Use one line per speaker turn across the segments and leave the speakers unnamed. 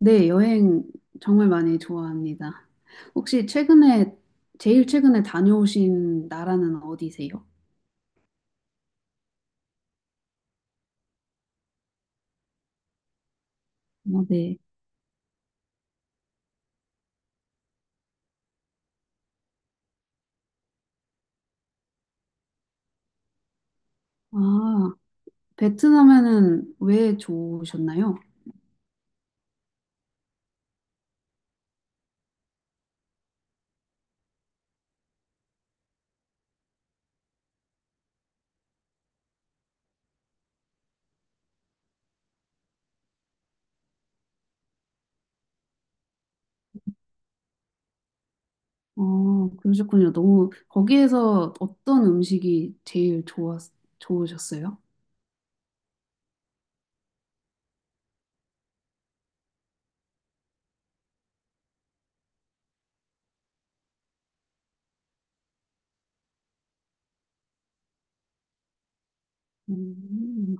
네, 여행 정말 많이 좋아합니다. 혹시 제일 최근에 다녀오신 나라는 어디세요? 어, 네. 아, 베트남에는 왜 좋으셨나요? 어, 그러셨군요. 거기에서 어떤 음식이 제일 좋으셨어요? 음.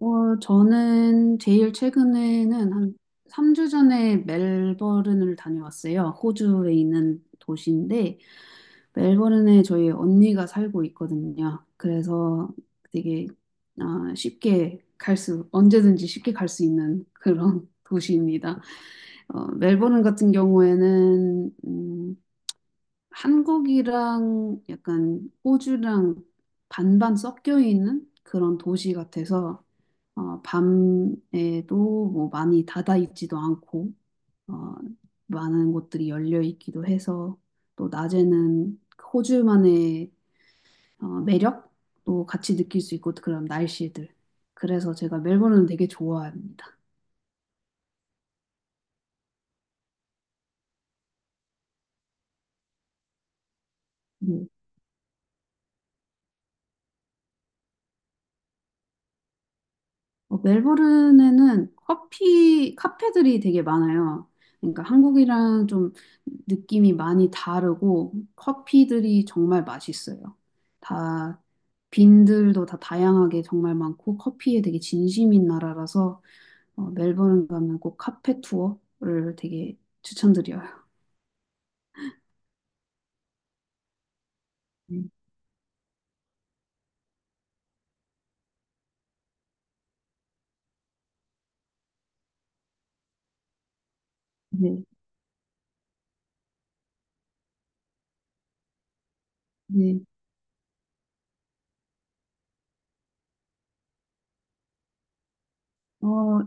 저는 제일 최근에는 한 3주 전에 멜버른을 다녀왔어요. 호주에 있는 도시인데, 멜버른에 저희 언니가 살고 있거든요. 그래서 되게 언제든지 쉽게 갈 수 있는 그런 도시입니다. 멜버른 같은 경우에는 한국이랑 약간 호주랑 반반 섞여 있는 그런 도시 같아서 밤에도 뭐 많이 닫아 있지도 않고 어, 많은 곳들이 열려 있기도 해서 또 낮에는 호주만의 매력도 같이 느낄 수 있고 그런 날씨들. 그래서 제가 멜버른을 되게 좋아합니다. 멜버른에는 카페들이 되게 많아요. 그러니까 한국이랑 좀 느낌이 많이 다르고 커피들이 정말 맛있어요. 다 빈들도 다 다양하게 정말 많고 커피에 되게 진심인 나라라서 멜버른 가면 꼭 카페 투어를 되게 추천드려요. 네. 네. 네. 어,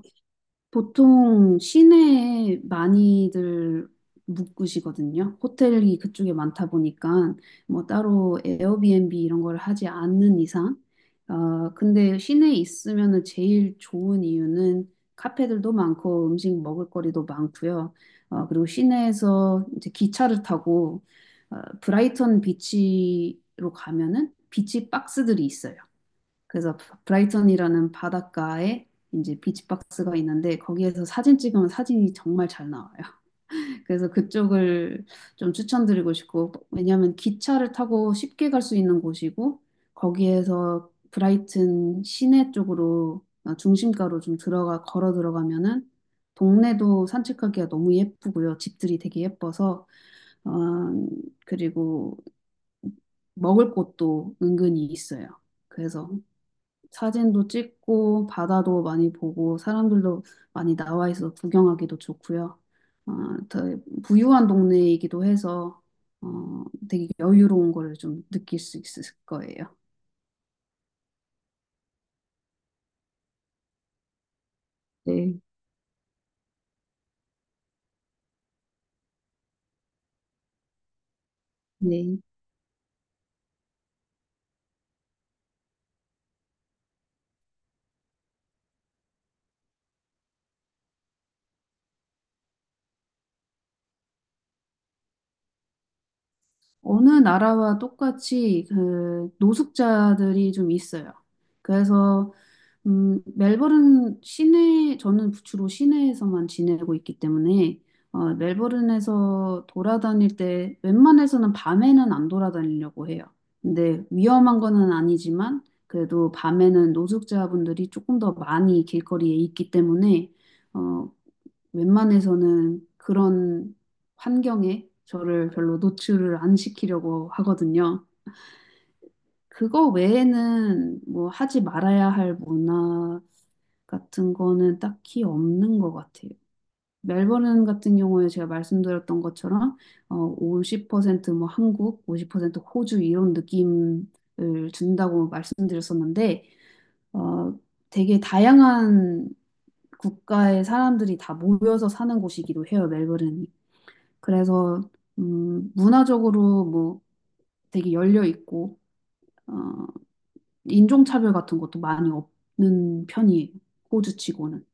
보통 시내에 많이들 묵으시거든요. 호텔이 그쪽에 많다 보니까 뭐 따로 에어비앤비 이런 걸 하지 않는 이상. 근데 시내에 있으면은 제일 좋은 이유는 카페들도 많고 음식 먹을거리도 많고요. 그리고 시내에서 이제 기차를 타고 브라이턴 비치로 가면은 비치 박스들이 있어요. 그래서 브라이턴이라는 바닷가에 이제 비치박스가 있는데 거기에서 사진 찍으면 사진이 정말 잘 나와요. 그래서 그쪽을 좀 추천드리고 싶고 왜냐하면 기차를 타고 쉽게 갈 수 있는 곳이고 거기에서 브라이튼 시내 쪽으로 중심가로 좀 들어가 걸어 들어가면은 동네도 산책하기가 너무 예쁘고요. 집들이 되게 예뻐서 어, 그리고 먹을 곳도 은근히 있어요. 그래서 사진도 찍고 바다도 많이 보고 사람들도 많이 나와 있어서 구경하기도 좋고요. 어, 더 부유한 동네이기도 해서 어, 되게 여유로운 거를 좀 느낄 수 있을 거예요. 네, 네. 어느 나라와 똑같이 그 노숙자들이 좀 있어요. 그래서 멜버른 시내 저는 주로 시내에서만 지내고 있기 때문에 멜버른에서 돌아다닐 때 웬만해서는 밤에는 안 돌아다니려고 해요. 근데 위험한 거는 아니지만 그래도 밤에는 노숙자분들이 조금 더 많이 길거리에 있기 때문에 어, 웬만해서는 그런 환경에 저를 별로 노출을 안 시키려고 하거든요. 그거 외에는 뭐 하지 말아야 할 문화 같은 거는 딱히 없는 것 같아요. 멜버른 같은 경우에 제가 말씀드렸던 것처럼 50%뭐 한국, 50% 호주 이런 느낌을 준다고 말씀드렸었는데 어, 되게 다양한 국가의 사람들이 다 모여서 사는 곳이기도 해요, 멜버른이. 그래서 문화적으로 뭐 되게 열려 있고 어, 인종차별 같은 것도 많이 없는 편이에요. 호주치고는.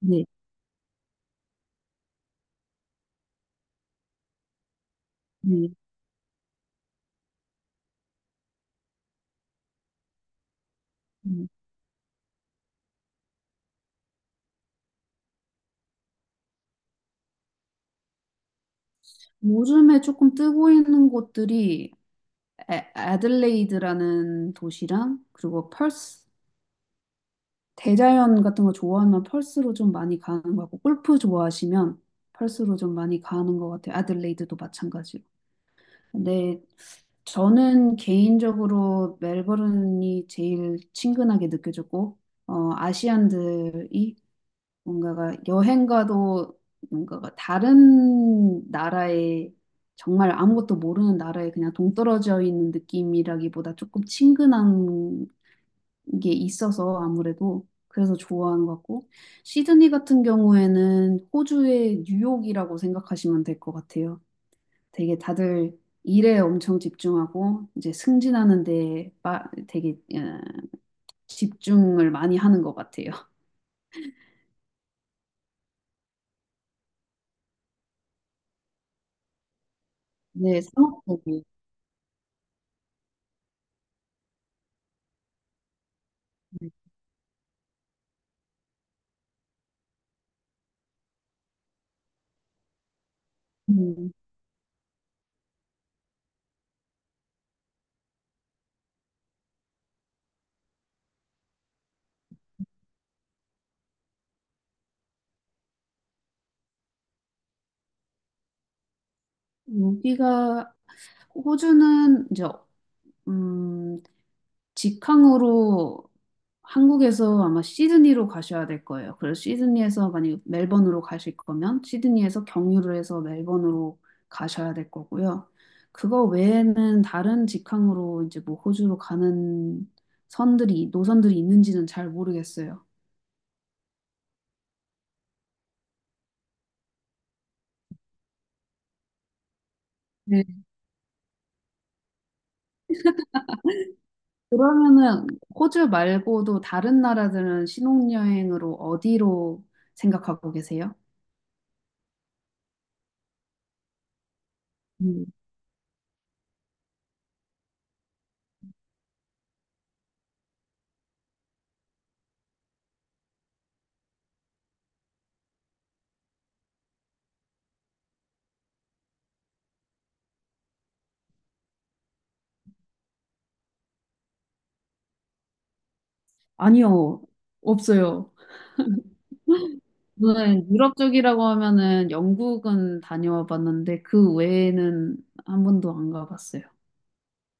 네. 네. 음. 요즘에 조금 뜨고 있는 곳들이 애들레이드라는 도시랑 그리고 펄스 대자연 같은 거 좋아하면 펄스로 좀 많이 가는 거 같고 골프 좋아하시면 펄스로 좀 많이 가는 것 같아요. 애들레이드도 마찬가지로. 근데 저는 개인적으로 멜버른이 제일 친근하게 느껴졌고, 아시안들이 뭔가가 여행가도 뭔가가 다른 나라에 정말 아무것도 모르는 나라에 그냥 동떨어져 있는 느낌이라기보다 조금 친근한 게 있어서 아무래도 그래서 좋아하는 것 같고, 시드니 같은 경우에는 호주의 뉴욕이라고 생각하시면 될 것 같아요. 되게 다들 일에 엄청 집중하고 이제 승진하는 데 되게 집중을 많이 하는 것 같아요. 네, 상업적이. 음, 여기가 호주는 이제 음, 직항으로 한국에서 아마 시드니로 가셔야 될 거예요. 그래서 시드니에서 만약 멜번으로 가실 거면 시드니에서 경유를 해서 멜번으로 가셔야 될 거고요. 그거 외에는 다른 직항으로 이제 뭐 호주로 가는 선들이 노선들이 있는지는 잘 모르겠어요. 네. 그러면은 호주 말고도 다른 나라들은 신혼여행으로 어디로 생각하고 계세요? 음. 아니요, 없어요. 저는 유럽 쪽이라고 하면은 영국은 다녀와 봤는데 그 외에는 한 번도 안 가봤어요.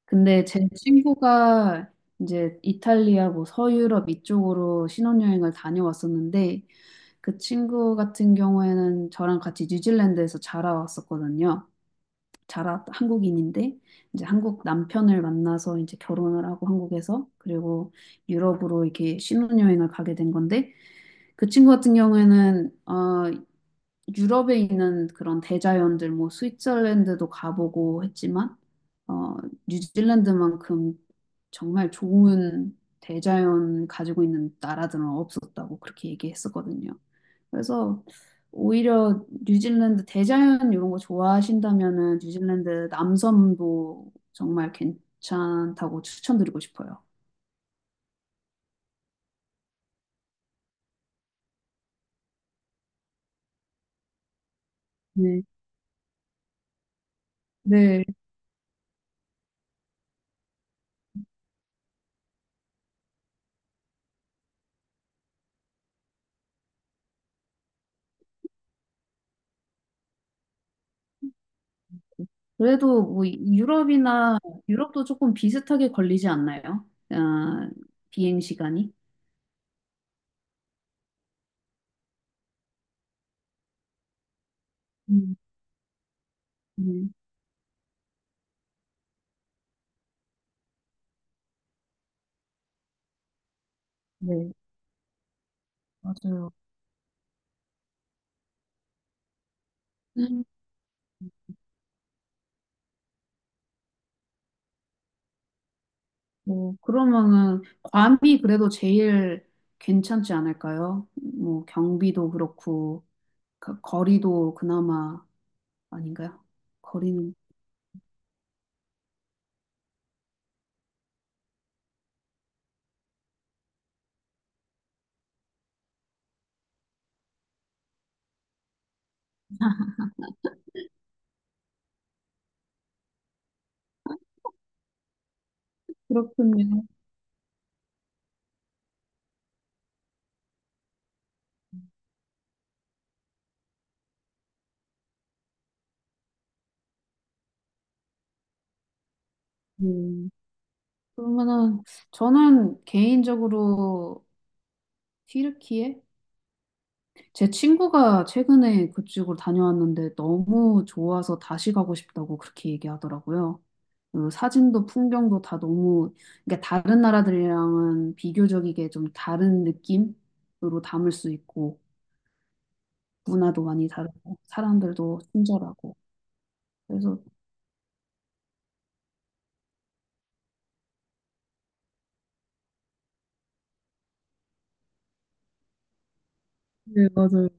근데 제 친구가 이제 이탈리아 뭐 서유럽 이쪽으로 신혼여행을 다녀왔었는데 그 친구 같은 경우에는 저랑 같이 뉴질랜드에서 자라왔었거든요. 자라 한국인인데 이제 한국 남편을 만나서 이제 결혼을 하고 한국에서 그리고 유럽으로 이렇게 신혼여행을 가게 된 건데 그 친구 같은 경우에는 유럽에 있는 그런 대자연들, 뭐 스위tzerland도 가보고 했지만, 어, 뉴질랜드만큼 정말 좋은 대자연 가지고 있는 나라들은 없었다고 그렇게 얘기했었거든요. 그래서 오히려 뉴질랜드 대자연 이런 거 좋아하신다면은 뉴질랜드 남섬도 정말 괜찮다고 추천드리고 싶어요. 네. 네, 그래도 뭐 유럽이나 유럽도 조금 비슷하게 걸리지 않나요? 아, 비행 시간이? 음, 음. 네, 맞아요. 음. 뭐 그러면은 괌이 그래도 제일 괜찮지 않을까요? 뭐 경비도 그렇고 그 거리도 그나마 아닌가요? 거리는 그렇군요. 음. 그러면은 저는 개인적으로 튀르키예? 제 친구가 최근에 그쪽으로 다녀왔는데 너무 좋아서 다시 가고 싶다고 그렇게 얘기하더라고요. 그 사진도 풍경도 다 너무, 그러니까 다른 나라들이랑은 비교적이게 좀 다른 느낌으로 담을 수 있고, 문화도 많이 다르고, 사람들도 친절하고. 그래서, 네, 맞아요.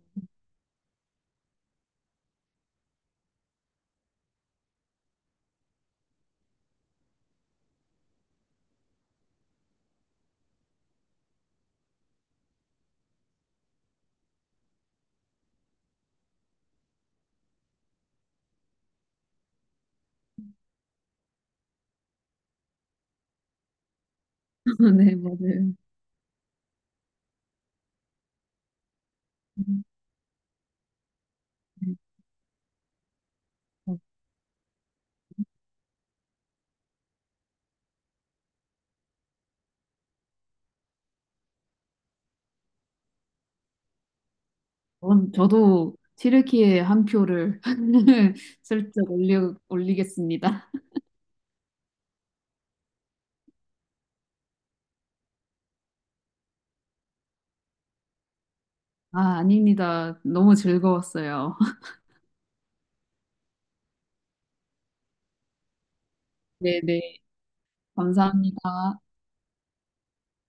네, 맞아요. 네. 그럼 저도 튀르키예 한 표를 슬쩍 올리겠습니다. 아, 아닙니다. 너무 즐거웠어요. 네네. 감사합니다.